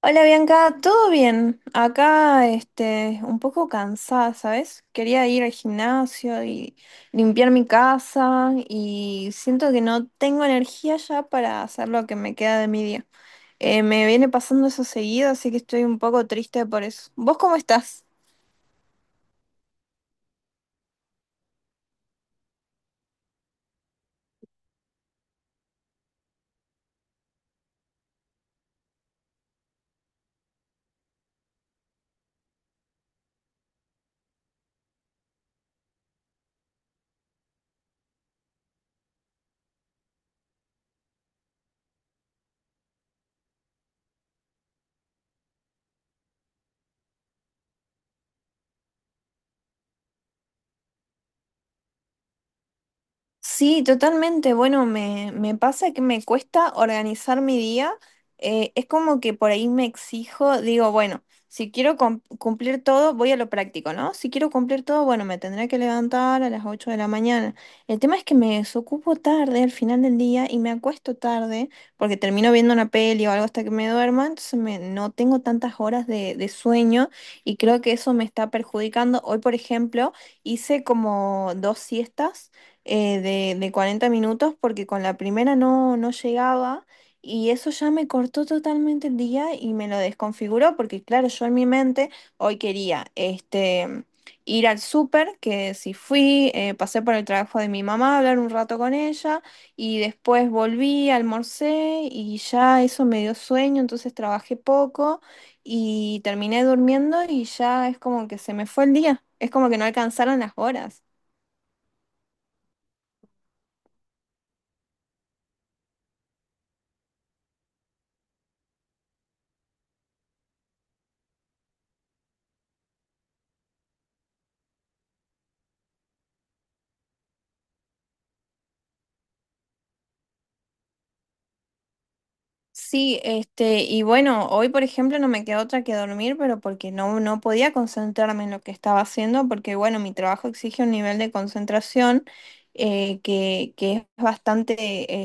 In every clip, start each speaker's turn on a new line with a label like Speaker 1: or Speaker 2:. Speaker 1: Hola Bianca, ¿todo bien? Acá, este, un poco cansada, ¿sabes? Quería ir al gimnasio y limpiar mi casa y siento que no tengo energía ya para hacer lo que me queda de mi día. Me viene pasando eso seguido, así que estoy un poco triste por eso. ¿Vos cómo estás? Sí, totalmente. Bueno, me pasa que me cuesta organizar mi día. Es como que por ahí me exijo, digo, bueno, si quiero cumplir todo, voy a lo práctico, ¿no? Si quiero cumplir todo, bueno, me tendré que levantar a las 8 de la mañana. El tema es que me desocupo tarde al final del día y me acuesto tarde porque termino viendo una peli o algo hasta que me duerma, entonces no tengo tantas horas de sueño y creo que eso me está perjudicando. Hoy, por ejemplo, hice como dos siestas de 40 minutos porque con la primera no llegaba y eso ya me cortó totalmente el día y me lo desconfiguró porque claro, yo en mi mente hoy quería ir al súper, que si fui, pasé por el trabajo de mi mamá, hablar un rato con ella y después volví, almorcé y ya eso me dio sueño, entonces trabajé poco y terminé durmiendo y ya es como que se me fue el día, es como que no alcanzaron las horas. Sí, este, y bueno, hoy por ejemplo no me quedó otra que dormir, pero porque no podía concentrarme en lo que estaba haciendo, porque bueno, mi trabajo exige un nivel de concentración que es bastante,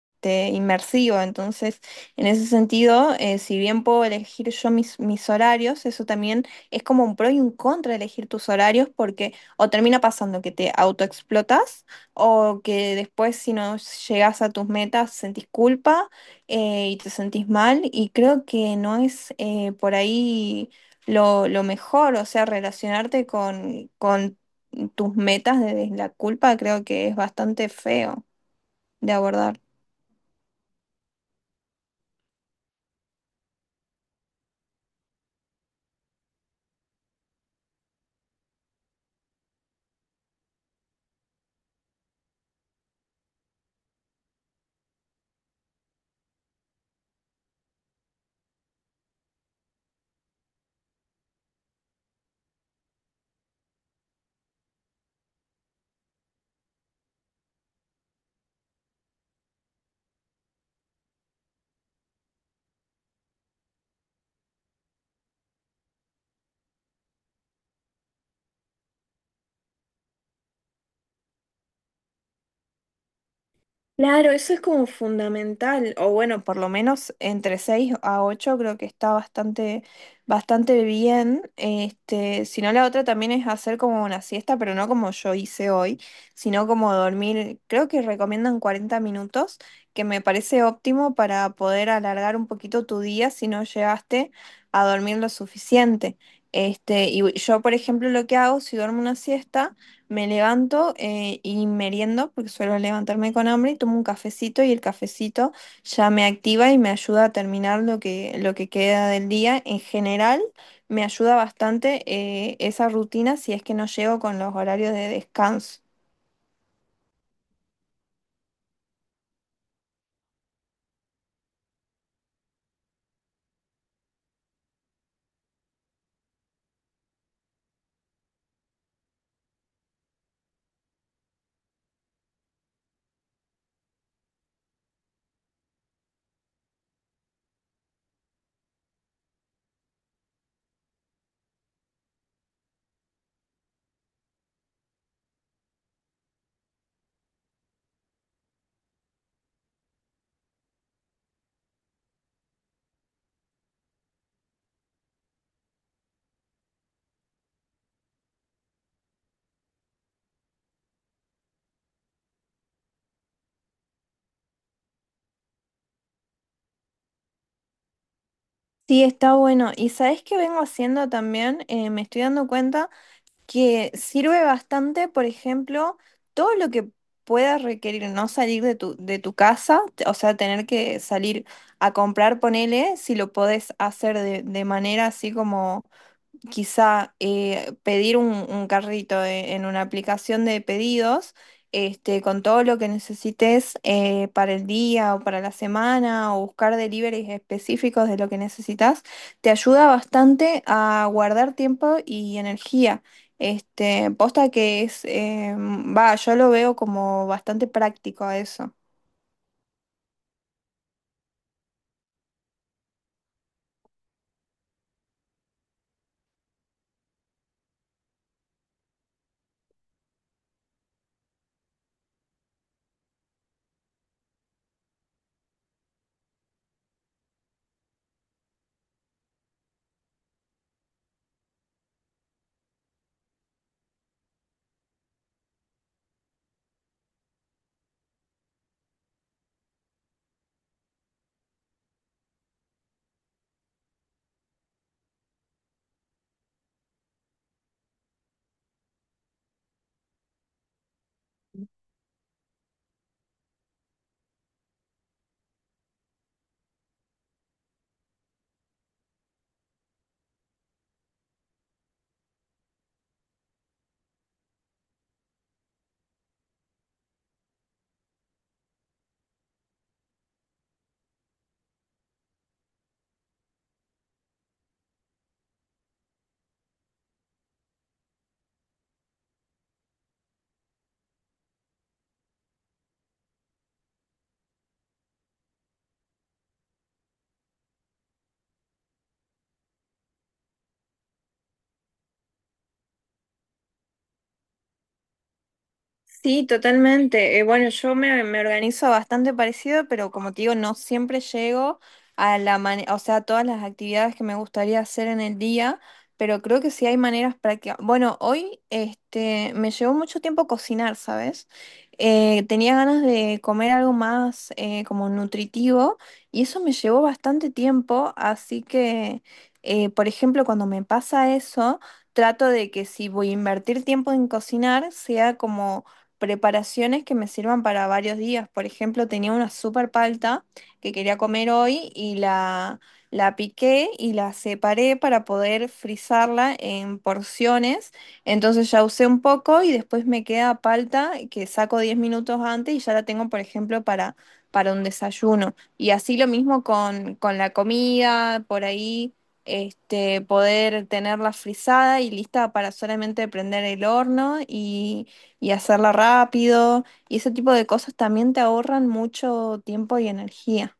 Speaker 1: este, inmersivo. Entonces, en ese sentido, si bien puedo elegir yo mis horarios, eso también es como un pro y un contra elegir tus horarios porque o termina pasando que te autoexplotas o que después si no llegas a tus metas sentís culpa y te sentís mal y creo que no es por ahí lo mejor, o sea, relacionarte con tus metas desde la culpa creo que es bastante feo de abordar. Claro, eso es como fundamental, o bueno, por lo menos entre 6 a 8 creo que está bastante, bastante bien. Este, si no, la otra también es hacer como una siesta, pero no como yo hice hoy, sino como dormir, creo que recomiendan 40 minutos, que me parece óptimo para poder alargar un poquito tu día si no llegaste a dormir lo suficiente. Este, y yo, por ejemplo, lo que hago, si duermo una siesta, me levanto y meriendo, porque suelo levantarme con hambre, y tomo un cafecito y el cafecito ya me activa y me ayuda a terminar lo que queda del día. En general, me ayuda bastante esa rutina si es que no llego con los horarios de descanso. Sí, está bueno. ¿Y sabes qué vengo haciendo también? Me estoy dando cuenta que sirve bastante, por ejemplo, todo lo que puedas requerir no salir de tu casa, o sea, tener que salir a comprar, ponele, si lo podés hacer de manera así como quizá pedir un carrito en una aplicación de pedidos, este, con todo lo que necesites para el día o para la semana, o buscar deliveries específicos de lo que necesitas, te ayuda bastante a guardar tiempo y energía. Este, posta que es, va, yo lo veo como bastante práctico a eso. Sí, totalmente. Bueno, yo me organizo bastante parecido, pero como te digo, no siempre llego a la o sea, a todas las actividades que me gustaría hacer en el día, pero creo que sí hay maneras prácticas. Bueno, hoy este, me llevó mucho tiempo cocinar, ¿sabes? Tenía ganas de comer algo más como nutritivo y eso me llevó bastante tiempo, así que, por ejemplo, cuando me pasa eso, trato de que si voy a invertir tiempo en cocinar, sea como preparaciones que me sirvan para varios días. Por ejemplo, tenía una super palta que quería comer hoy y la piqué y la separé para poder frizarla en porciones. Entonces ya usé un poco y después me queda palta que saco 10 minutos antes y ya la tengo, por ejemplo, para un desayuno. Y así lo mismo con la comida, por ahí. Este, poder tenerla frizada y lista para solamente prender el horno y hacerla rápido. Y ese tipo de cosas también te ahorran mucho tiempo y energía.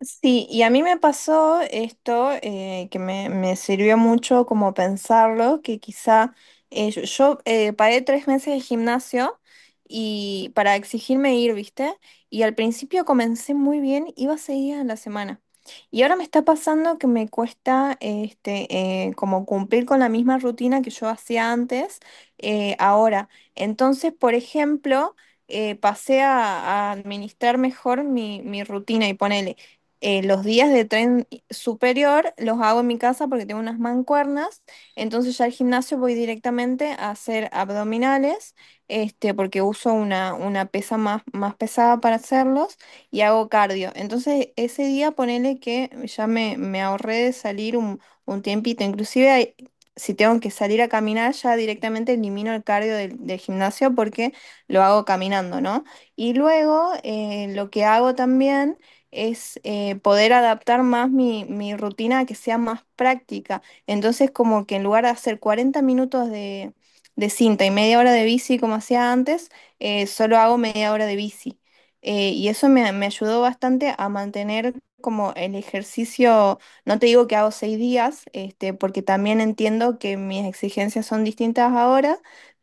Speaker 1: Sí, y a mí me pasó esto que me sirvió mucho como pensarlo, que quizá paré 3 meses de gimnasio y para exigirme ir, ¿viste? Y al principio comencé muy bien, iba 6 días a la semana. Y ahora me está pasando que me cuesta este, como cumplir con la misma rutina que yo hacía antes, ahora. Entonces, por ejemplo, pasé a administrar mejor mi rutina y ponele los días de tren superior los hago en mi casa porque tengo unas mancuernas, entonces ya al gimnasio voy directamente a hacer abdominales, este, porque uso una pesa más, más pesada para hacerlos y hago cardio. Entonces ese día ponele que ya me ahorré de salir un tiempito, inclusive si tengo que salir a caminar, ya directamente elimino el cardio del gimnasio porque lo hago caminando, ¿no? Y luego lo que hago también es poder adaptar más mi rutina a que sea más práctica. Entonces, como que en lugar de hacer 40 minutos de cinta y media hora de bici como hacía antes, solo hago media hora de bici. Y eso me ayudó bastante a mantener como el ejercicio, no te digo que hago 6 días, este, porque también entiendo que mis exigencias son distintas ahora,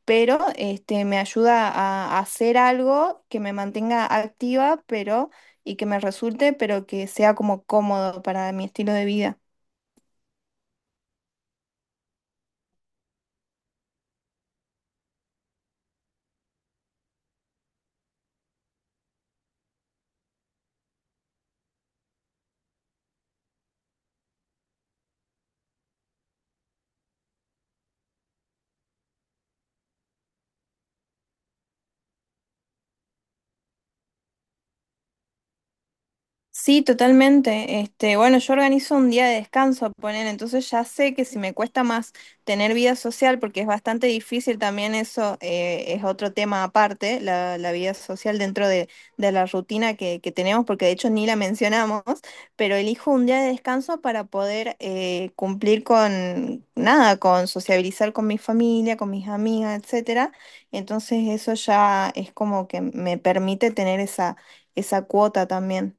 Speaker 1: pero este, me ayuda a hacer algo que me mantenga activa, pero y que me resulte, pero que sea como cómodo para mi estilo de vida. Sí, totalmente. Este, bueno, yo organizo un día de descanso, poner, entonces ya sé que si me cuesta más tener vida social, porque es bastante difícil también eso, es otro tema aparte, la vida social dentro de la rutina que tenemos, porque de hecho ni la mencionamos, pero elijo un día de descanso para poder cumplir con nada, con sociabilizar con mi familia, con mis amigas, etcétera. Entonces eso ya es como que me permite tener esa, esa cuota también.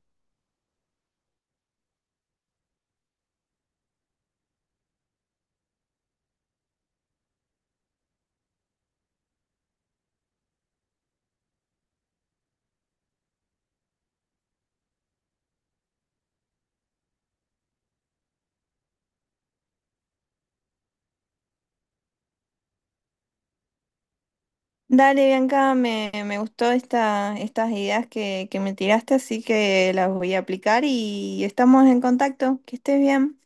Speaker 1: Dale, Bianca, me gustó estas ideas que me tiraste, así que las voy a aplicar y estamos en contacto. Que estés bien.